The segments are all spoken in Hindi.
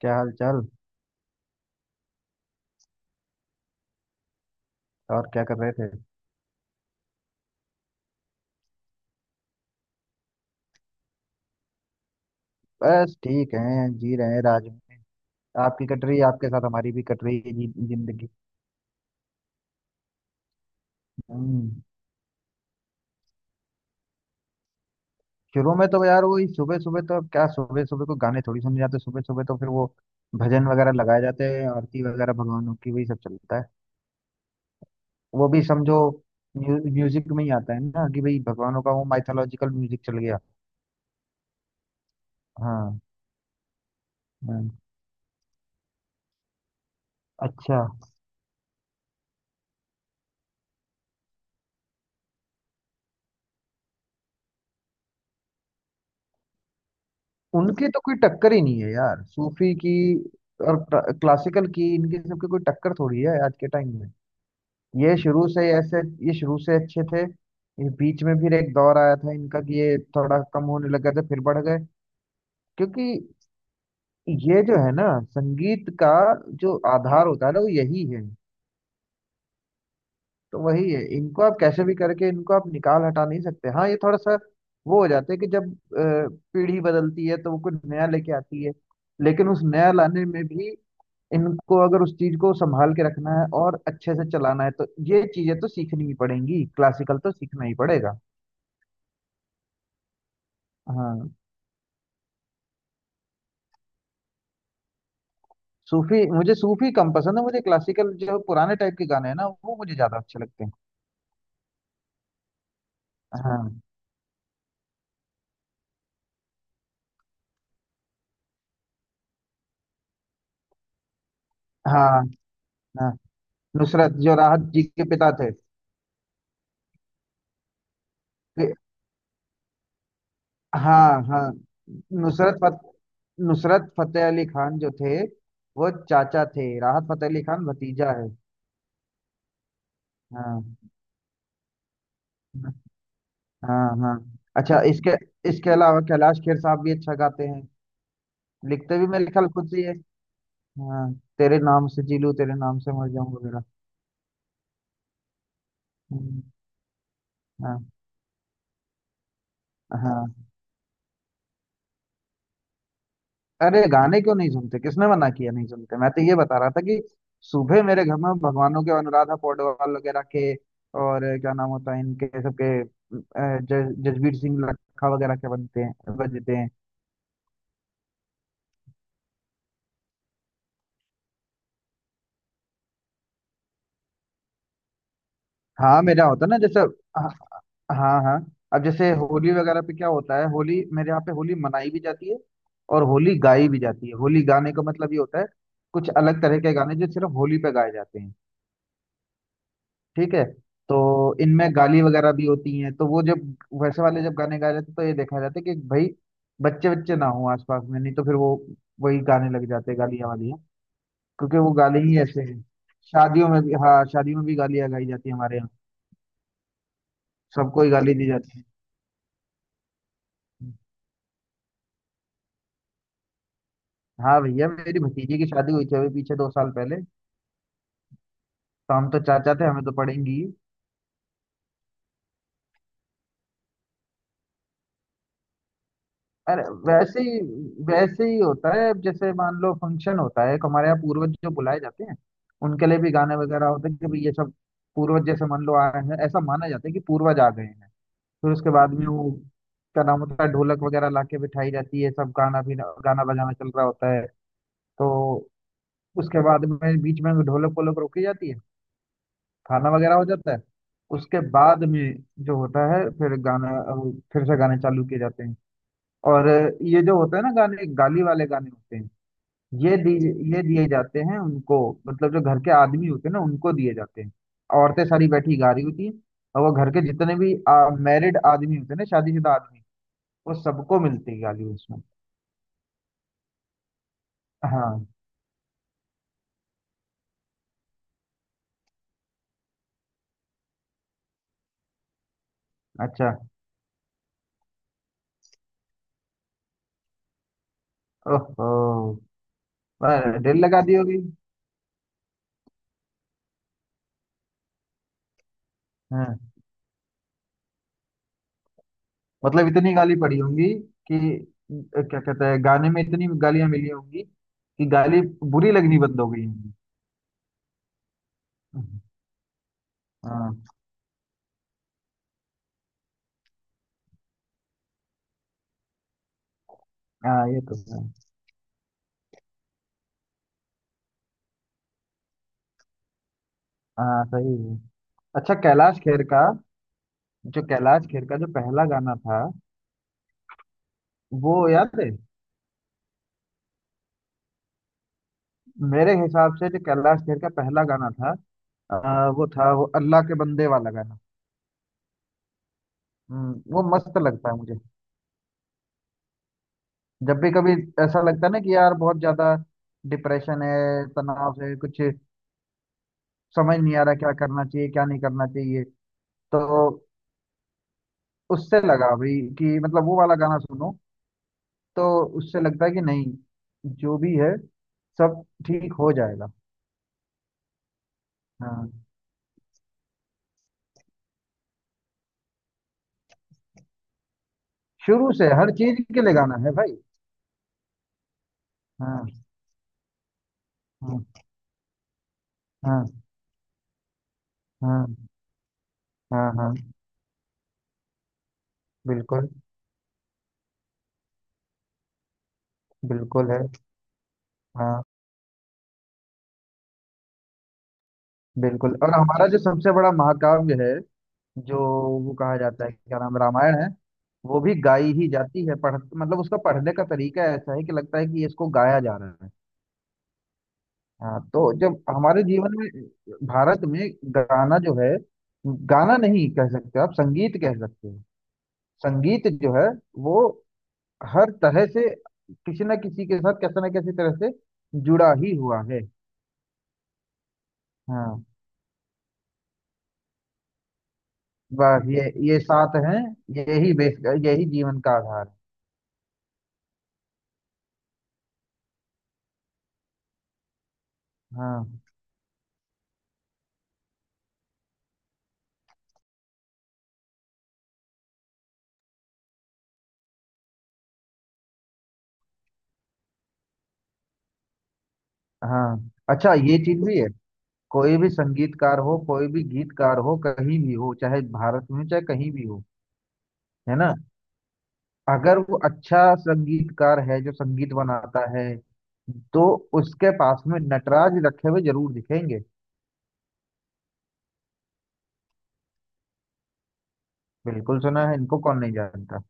क्या हाल चाल। और क्या कर रहे थे। बस ठीक हैं, जी रहे हैं राज में। आपकी कट रही है, आपके साथ हमारी भी कट रही है जी, जिंदगी। हम्म शुरू में तो यार वही सुबह सुबह, तो अब क्या सुबह सुबह को गाने थोड़ी सुने जाते हैं। सुबह सुबह तो फिर वो भजन वगैरह लगाए जाते हैं, आरती वगैरह भगवानों की, वही सब चलता है। वो भी समझो म्यूजिक में ही आता है ना कि भाई, भगवानों का वो माइथोलॉजिकल म्यूजिक, चल गया। हाँ हाँ, अच्छा। उनकी तो कोई टक्कर ही नहीं है यार, सूफी की और क्लासिकल की, इनकी सबकी कोई टक्कर थोड़ी है आज के टाइम में। ये शुरू से ऐसे ये शुरू से अच्छे थे। ये बीच में फिर एक दौर आया था इनका कि ये थोड़ा कम होने लगा था, फिर बढ़ गए। क्योंकि ये जो है ना संगीत का जो आधार होता है ना, वो यही है। तो वही है, इनको आप कैसे भी करके इनको आप निकाल हटा नहीं सकते। हाँ, ये थोड़ा सा वो हो जाता है कि जब पीढ़ी बदलती है तो वो कुछ नया लेके आती है, लेकिन उस नया लाने में भी इनको, अगर उस चीज को संभाल के रखना है और अच्छे से चलाना है, तो ये चीजें तो सीखनी ही पड़ेंगी, क्लासिकल तो सीखना ही पड़ेगा। हाँ। सूफी मुझे सूफी कम पसंद है, मुझे क्लासिकल जो पुराने टाइप के गाने हैं ना वो मुझे ज्यादा अच्छे लगते हैं। हाँ हाँ। हाँ, नुसरत जो राहत जी के पिता थे। फिर- हाँ हाँ। नुसरत फत, नुसरत फतेह अली खान जो थे वो चाचा थे, राहत फतेह अली खान भतीजा है। हाँ हाँ हाँ। अच्छा, तो इसके इसके अलावा कैलाश खेर साहब भी अच्छा गाते हैं। लिखते भी मेरे ख्याल खुद से ही है। हाँ। तेरे नाम से जी लूं, तेरे नाम से मर जाऊं वगैरह। हम्म, हाँ हाँ। अरे गाने क्यों नहीं सुनते, किसने मना किया नहीं सुनते? मैं तो ये बता रहा था कि सुबह मेरे घर में भगवानों के अनुराधा पौडवाल वगैरह के, और क्या नाम होता है इनके सबके, जसबीर सिंह लखा वगैरह के बनते हैं, बजते हैं। हाँ मेरा होता ना जैसे। हाँ हाँ हाँ। अब जैसे होली वगैरह पे क्या होता है, होली मेरे यहाँ पे होली मनाई भी जाती है और होली गाई भी जाती है। होली गाने का मतलब ये होता है कुछ अलग तरह के गाने जो सिर्फ होली पे गाए जाते हैं। ठीक है, तो इनमें गाली वगैरह भी होती हैं, तो वो जब वैसे वाले जब गाने गाए जाते हैं तो ये देखा जाता है कि भाई बच्चे बच्चे ना हो आसपास में, नहीं तो फिर वो वही गाने लग जाते हैं, गालियाँ वालियाँ। क्योंकि वो गाली ही ऐसे हैं। शादियों में भी, हाँ शादियों में भी गालियाँ गाई जाती है हमारे यहाँ, सबको ही गाली दी जाती है। हाँ भैया, मेरी भतीजी की शादी हुई थी अभी पीछे 2 साल पहले, तो हम तो चाचा थे, हमें तो पड़ेंगी ही। अरे वैसे ही होता है। अब जैसे मान लो फंक्शन होता है एक हमारे यहाँ, पूर्वज जो बुलाए जाते हैं उनके लिए भी गाने वगैरह होते हैं कि भाई ये सब पूर्वज जैसे मान लो आए हैं, ऐसा माना जाता है कि पूर्वज आ गए हैं। फिर उसके बाद में वो क्या नाम होता है, ढोलक वगैरह लाके बिठाई जाती है, सब गाना भी, गाना बजाना चल रहा होता है। तो उसके बाद में बीच में ढोलक वोलक रोकी जाती है, खाना वगैरह हो जाता है। उसके बाद में जो होता है, फिर फिर से गाने चालू किए जाते हैं। और ये जो होता है ना गाने, गाली वाले गाने होते हैं, ये दी ये दिए जाते हैं उनको। मतलब जो घर के आदमी होते हैं ना उनको दिए जाते हैं। औरतें सारी बैठी गा रही होती हैं, और वो घर के जितने भी मैरिड आदमी होते हैं ना, शादीशुदा आदमी, वो सबको मिलती है गाली उसमें। हाँ। अच्छा। ओहो। पर दिल लगा दी होगी। हाँ। मतलब इतनी गाली पड़ी होंगी कि क्या कहते हैं, गाने में इतनी गालियां मिली होंगी कि गाली बुरी लगनी बंद हो गई होंगी। हाँ हाँ ये तो है। हाँ सही है। अच्छा कैलाश खेर का, जो कैलाश खेर का जो पहला गाना था, वो याद है? मेरे हिसाब से जो कैलाश खेर का पहला गाना था वो था, वो अल्लाह के बंदे वाला गाना। वो मस्त लगता है मुझे। जब भी कभी ऐसा लगता है ना कि यार बहुत ज्यादा डिप्रेशन है, तनाव है, कुछ समझ नहीं आ रहा क्या करना चाहिए क्या नहीं करना चाहिए, तो उससे लगा भाई कि मतलब वो वाला गाना सुनो, तो उससे लगता है कि नहीं, जो भी है सब ठीक हो जाएगा। हाँ, शुरू से हर चीज के लिए गाना है भाई। हाँ हाँ। हाँ हाँ। हाँ हाँ। बिल्कुल। बिल्कुल है। हाँ। बिल्कुल। और हमारा जो सबसे बड़ा महाकाव्य है जो, वो कहा जाता है क्या नाम है, रामायण है। वो भी गाई ही जाती है, पढ़ मतलब उसका पढ़ने का तरीका ऐसा है कि लगता है कि इसको गाया जा रहा है। हाँ, तो जब हमारे जीवन में, भारत में, गाना जो है, गाना नहीं कह सकते आप, संगीत कह सकते हो, संगीत जो है वो हर तरह से किसी न किसी के साथ कैसे न कैसे तरह से जुड़ा ही हुआ है। हाँ, बस ये साथ हैं, यही बेस, यही जीवन का आधार है। हाँ। हाँ। अच्छा, ये चीज भी है, कोई भी संगीतकार हो, कोई भी गीतकार हो, कहीं भी हो, चाहे भारत में चाहे कहीं भी हो, है ना, अगर वो अच्छा संगीतकार है जो संगीत बनाता है, तो उसके पास में नटराज रखे हुए जरूर दिखेंगे। बिल्कुल सुना है, इनको कौन नहीं जानता।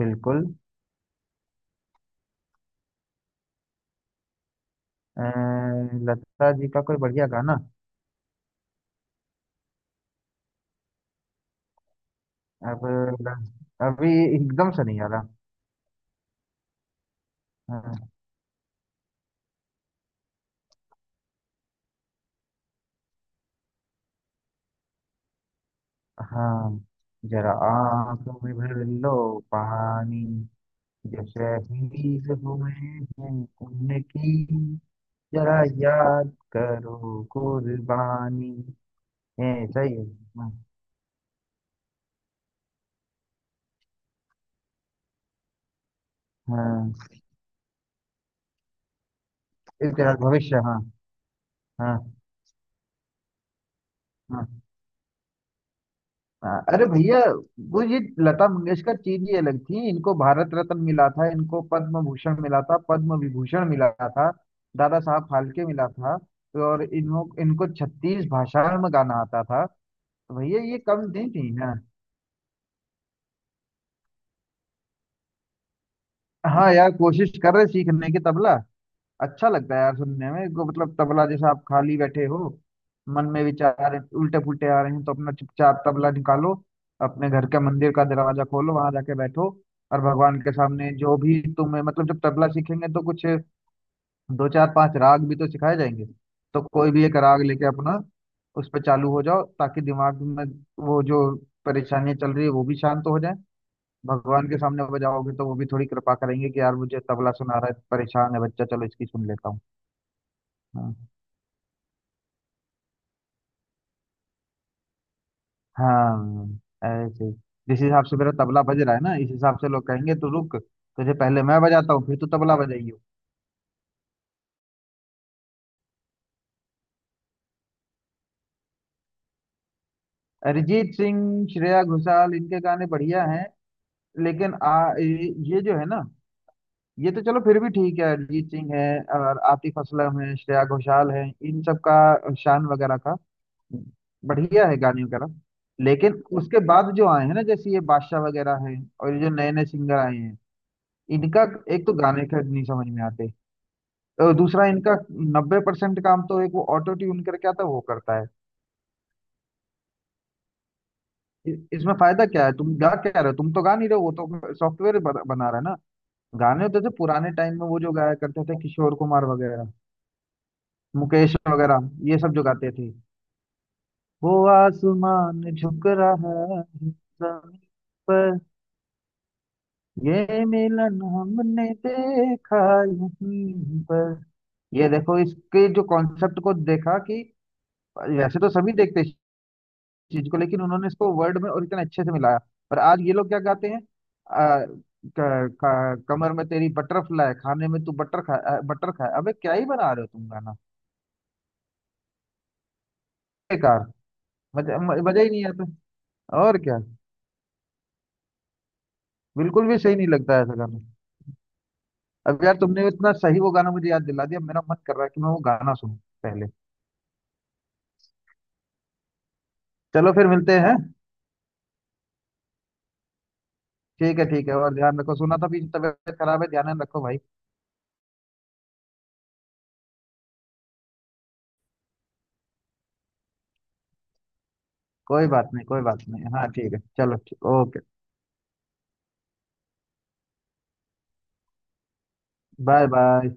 बिल्कुल। अ, लता जी का कोई बढ़िया गाना, अब अभी एकदम से नहीं आ रहा। अ, हाँ। जरा आंखों में भर लो पानी। जो शहीद हुए हैं उनकी जरा याद करो कुर्बानी। सही है। हाँ हाँ, इसके साथ भविष्य, हाँ। हाँ हाँ। हाँ। अरे भैया, वो ये लता मंगेशकर चीज ही अलग थी। इनको भारत रत्न मिला था, इनको पद्म भूषण मिला था, पद्म विभूषण मिला था, दादा साहब फाल्के मिला था, तो और इनको, इनको 36 भाषाओं में गाना आता था, तो भैया ये कम नहीं थी ना। हाँ यार, कोशिश कर रहे सीखने की तबला। अच्छा लगता है यार सुनने में को, मतलब तबला, जैसा आप खाली बैठे हो, मन में विचार उल्टे पुल्टे आ रहे हैं, तो अपना चुपचाप तबला निकालो, अपने घर के मंदिर का दरवाजा खोलो, वहां जाके बैठो, और भगवान के सामने जो भी तुम्हें, मतलब जब तबला सीखेंगे तो कुछ दो चार पांच राग भी तो सिखाए जाएंगे, तो कोई भी एक राग लेके अपना उस पर चालू हो जाओ, ताकि दिमाग में वो जो परेशानियां चल रही है वो भी शांत हो जाए। भगवान के सामने बजाओगे तो वो भी थोड़ी कृपा करेंगे कि यार मुझे तबला सुना रहा है, परेशान है बच्चा, चलो इसकी सुन लेता हूँ। हाँ। हाँ ऐसे ही। जिस हिसाब से मेरा तबला बज रहा है ना, इस हिसाब से लोग कहेंगे तू रुक, तुझे पहले मैं बजाता हूँ, फिर तू तबला बजाइयो। अरिजीत सिंह, श्रेया घोषाल, इनके गाने बढ़िया हैं, लेकिन आ ये जो है ना, ये तो चलो फिर भी ठीक है, अरिजीत सिंह है और आतिफ असलम है, श्रेया घोषाल है, इन सब का, शान वगैरह का बढ़िया है गाने वगैरह। लेकिन उसके बाद जो आए हैं ना, जैसे ये बादशाह वगैरह हैं, और ये जो नए नए सिंगर आए हैं, इनका एक तो गाने का नहीं समझ में आते, दूसरा इनका 90% काम तो एक वो ऑटो ट्यून करके आता है वो करता है। इसमें फायदा क्या है, तुम गा क्या रहे हो, तुम तो गा नहीं रहे हो, वो तो सॉफ्टवेयर बना रहा है ना। गाने होते थे पुराने टाइम में, वो जो गाया करते थे किशोर कुमार वगैरह, मुकेश वगैरह, ये सब जो गाते थे, वो आसमान झुक रहा है जमीन पर, ये मिलन हमने देखा यहीं पर। ये देखो, इसके जो कॉन्सेप्ट को देखा कि वैसे तो सभी देखते चीज को, लेकिन उन्होंने इसको वर्ड में और इतने अच्छे से मिलाया। पर आज ये लोग क्या गाते हैं, कमर में तेरी बटरफ्लाई, खाने में तू बटर खा, बटर खा, अबे क्या ही बना रहे हो तुम गाना, बेकार। मजा ही नहीं आता और क्या, बिल्कुल भी सही नहीं लगता है ऐसा गाना। अब यार तुमने इतना सही वो गाना मुझे याद दिला दिया, मेरा मन कर रहा है कि मैं वो गाना सुनूं पहले, चलो फिर मिलते हैं। ठीक है ठीक है, और ध्यान रखो, सुना था भी तबीयत खराब है, ध्यान रखो भाई। कोई बात नहीं कोई बात नहीं, हाँ ठीक है, चलो ठीक, ओके, बाय बाय।